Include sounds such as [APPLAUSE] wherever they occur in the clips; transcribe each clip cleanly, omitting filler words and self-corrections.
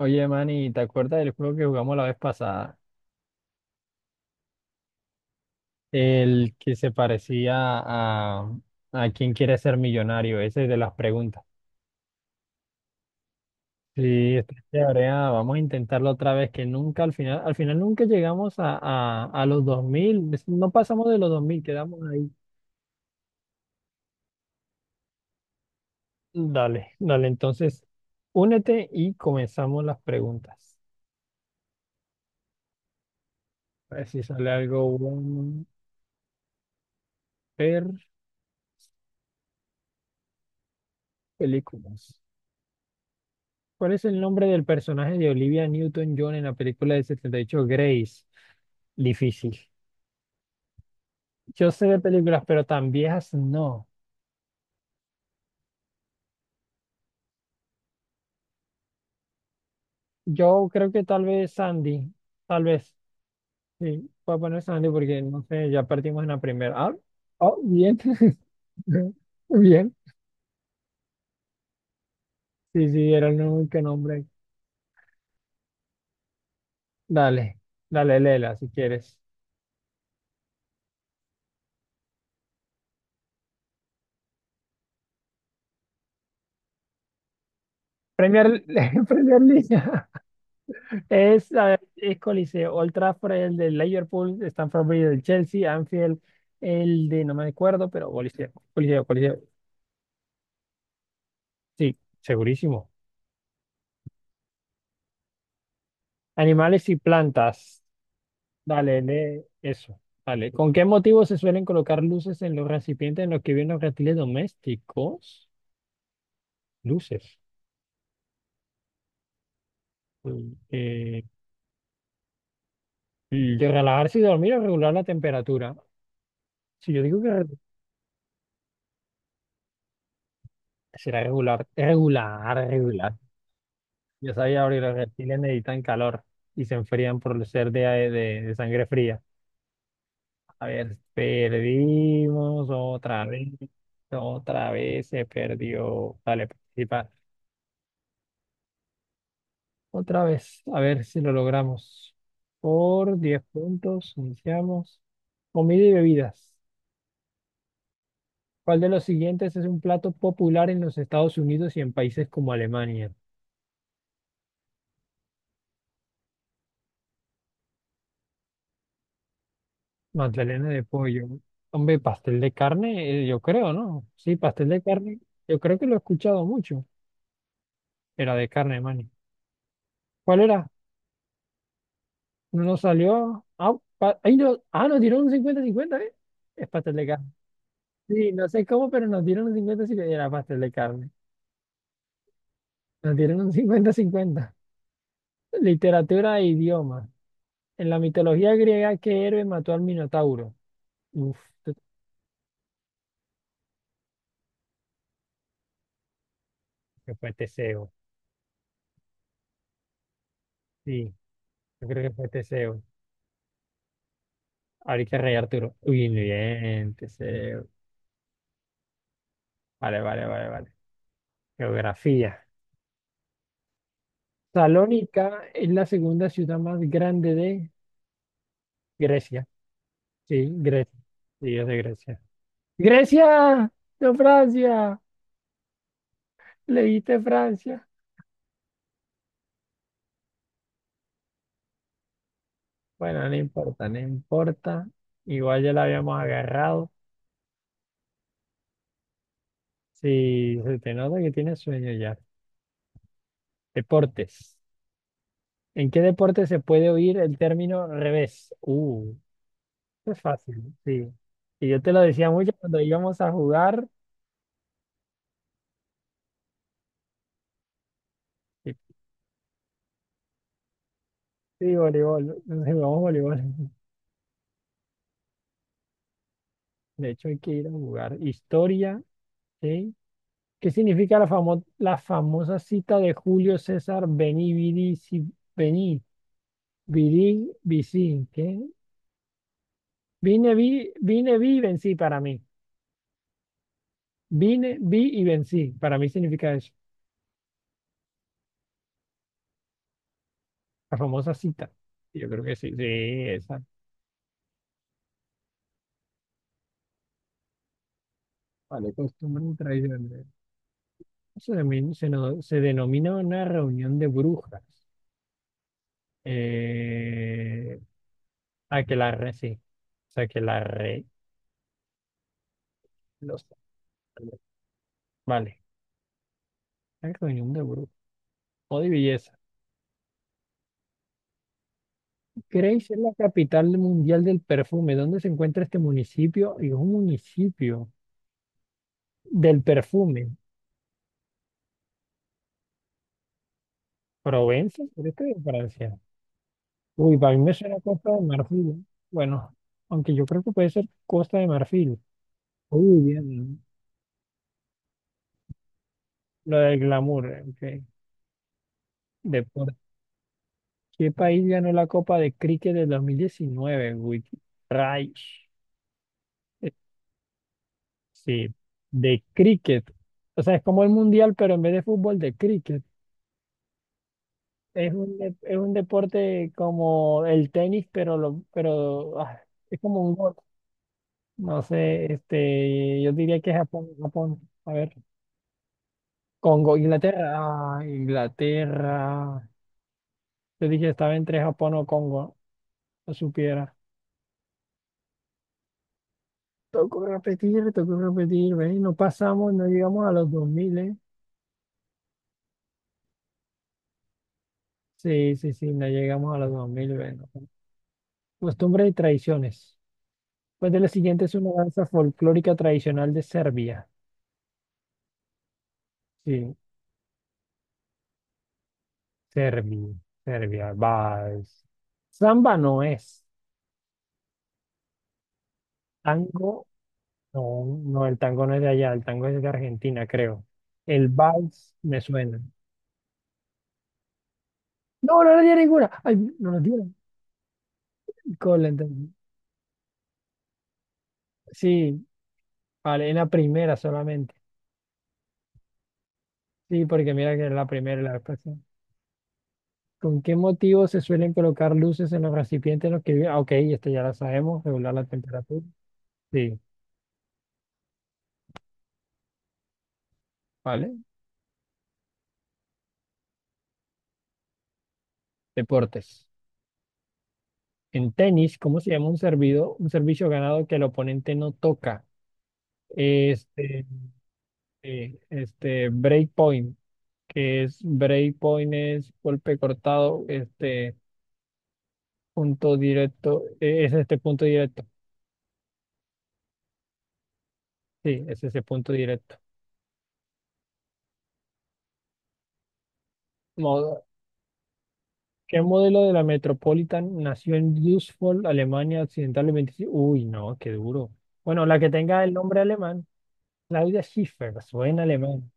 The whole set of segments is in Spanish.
Oye, Manny, ¿te acuerdas del juego que jugamos la vez pasada? El que se parecía a quién quiere ser millonario, ese de las preguntas. Sí, está chévere, vamos a intentarlo otra vez, que nunca al final, al final nunca llegamos a los 2000, es- no pasamos de los dos mil, quedamos ahí. Dale, entonces, únete y comenzamos las preguntas. A ver si sale algo bueno. Ver películas. ¿Cuál es el nombre del personaje de Olivia Newton-John en la película del 78 Grace? Difícil. Yo sé de películas, pero tan viejas no. Yo creo que tal vez Sandy, tal vez. Sí, voy a poner Sandy porque no sé, ya partimos en la primera. Oh, bien. [LAUGHS] Bien. Sí, sí, era el único nombre. Dale, dale, Lela, si quieres. Premier, [LAUGHS] Premier League. Es, a ver, es Coliseo, Old Trafford, el de Liverpool, Stamford Bridge del Chelsea, Anfield, el de, no me acuerdo, pero Coliseo, Coliseo, Coliseo. Sí, segurísimo. Animales y plantas. Dale, lee eso. Dale. ¿Con qué motivo se suelen colocar luces en los recipientes en los que viven los reptiles domésticos? Luces. Mm, Eh, de relajarse y dormir o regular la temperatura. Si yo digo que re- será regular, regular, regular. Yo sabía abrir los reptiles necesitan calor y se enfrían por ser de sangre fría. A ver, perdimos otra vez se perdió. Dale, participar. Otra vez, a ver si lo logramos. Por 10 puntos, iniciamos. Comida y bebidas. ¿Cuál de los siguientes es un plato popular en los Estados Unidos y en países como Alemania? Magdalena de pollo. Hombre, pastel de carne, yo creo, ¿no? Sí, pastel de carne. Yo creo que lo he escuchado mucho. Era de carne, mani. ¿Cuál era? No nos salió. Ah, pa- ahí no, ah, nos dieron un cincuenta-cincuenta, ¿eh? Es pastel de carne. Sí, no sé cómo, pero nos dieron un cincuenta-cincuenta. Era pastel de carne. Nos dieron un cincuenta-cincuenta. Literatura e idioma. En la mitología griega, ¿qué héroe mató al Minotauro? Uf, yo creo que fue Teseo. Sí, yo creo que fue Teseo. Ahorita Rey Arturo. Uy, bien, Teseo. Vale, vale, vale, vale. Geografía. Salónica es la segunda ciudad más grande de Grecia. Sí, Grecia. Sí, es de Grecia. Grecia, no Francia. Leíste Francia. Bueno, no importa, no importa. Igual ya la habíamos agarrado. Sí, se te nota que tienes sueño ya. Deportes. ¿En qué deporte se puede oír el término revés? Esto es fácil, sí. Y yo te lo decía mucho cuando íbamos a jugar. Sí, voleibol. Entonces jugamos voleibol. [LAUGHS] De hecho, hay que ir a jugar. Historia, ¿sí? ¿Qué significa la famosa cita de Julio César Veni, vidi, si, vení, vidi, vici? ¿Qué? Vine, vi y vencí para mí. Vine, vi y vencí. Para mí significa eso. La famosa cita. Yo creo que sí, sí, esa. Vale, costumbre y tradición. Se, denomin- se, no- se denomina una reunión de brujas. Eh, Aquelarre, sí. O sea Aquelarre. Los Vale. La reunión de grupo o de belleza. Grace es la capital mundial del perfume. ¿Dónde se encuentra este municipio? Y es un municipio del perfume. ¿Provenza? ¿Pero esto es de Francia? Uy, para mí me suena Costa de Marfil, ¿eh? Bueno, aunque yo creo que puede ser Costa de Marfil. Uy, bien, ¿no? Lo del glamour, ok. Deporte. ¿Qué país ganó la Copa de Cricket del 2019 Wiki? Rayos. Sí, de cricket. O sea, es como el mundial, pero en vez de fútbol, de cricket. Es un, de- es un deporte como el tenis, pero, lo, pero es como un golf. No sé, este, yo diría que es Japón, Japón. A ver, Congo, Inglaterra. Ah, Inglaterra. Yo dije estaba entre Japón o Congo, no supiera. Tocó repetir, ven, no pasamos, no llegamos a los 2000, ¿eh? Sí, sí, sí, no llegamos a los 2000, ven. Costumbres y tradiciones. Pues de la siguiente es una danza folclórica tradicional de Serbia. Sí, Serbia, Serbia, vals. Samba no es. Tango, no, no, el tango no es de allá, el tango es de Argentina, creo. El vals me suena. No, no le di ninguna. Ay, no nos dieron. Con la entendí. Sí, vale, en la primera solamente. Sí, porque mira que es la primera y la después, sí. ¿Con qué motivo se suelen colocar luces en los recipientes en los que viven? Ah, ok, esto ya lo sabemos, regular la temperatura. Sí, vale. Deportes. En tenis, ¿cómo se llama un servido, un servicio ganado que el oponente no toca? Este, este, break point, que es break point es golpe cortado, este punto directo, es este punto directo. Sí, es ese punto directo. Modo- ¿qué modelo de la Metropolitan nació en Düsseldorf, Alemania Occidental el 25? Uy, no, qué duro. Bueno, la que tenga el nombre alemán, Claudia Schiffer, suena alemán.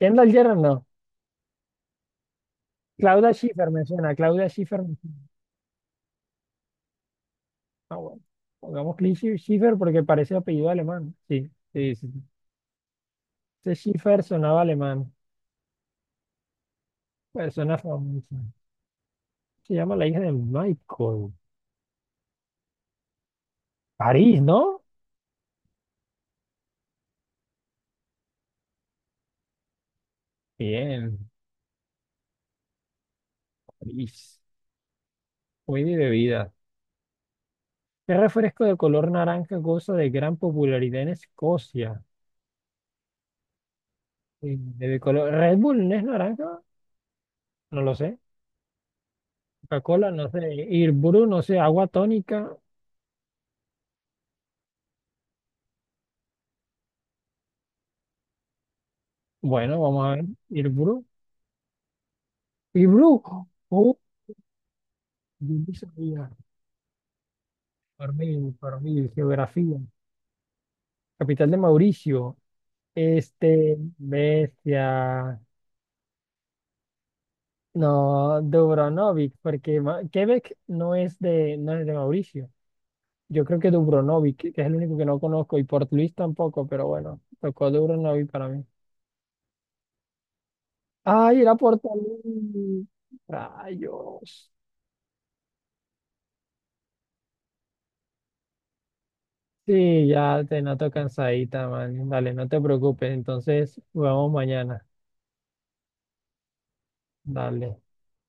Kendall Jenner, no. Claudia Schiffer me suena, Claudia Schiffer me suena. Ah, bueno. Pongamos Cli- Schiffer porque parece apellido alemán. Sí, sí, sí. Ese Schiffer sonaba alemán. Persona famosa. Se llama la hija de Michael. París, ¿no? Bien, París. Muy de bebida. ¿Qué refresco de color naranja goza de gran popularidad en Escocia? De color... ¿Red Bull no es naranja? No lo sé. Coca-Cola, no sé. Irbru, no sé. Agua tónica. Bueno, vamos a ver. Irbru. Irbru. Yo no sabía, por mí, geografía. Capital de Mauricio, este, bestia, no, Dubrovnik, porque Ma- Quebec no es de, no es de Mauricio. Yo creo que Dubrovnik, que es el único que no conozco, y Port Louis tampoco, pero bueno, tocó Dubrovnik para mí. Ay, era Port Louis. Rayos. Sí, ya te noto cansadita, man. Dale, no te preocupes. Entonces, jugamos mañana. Dale.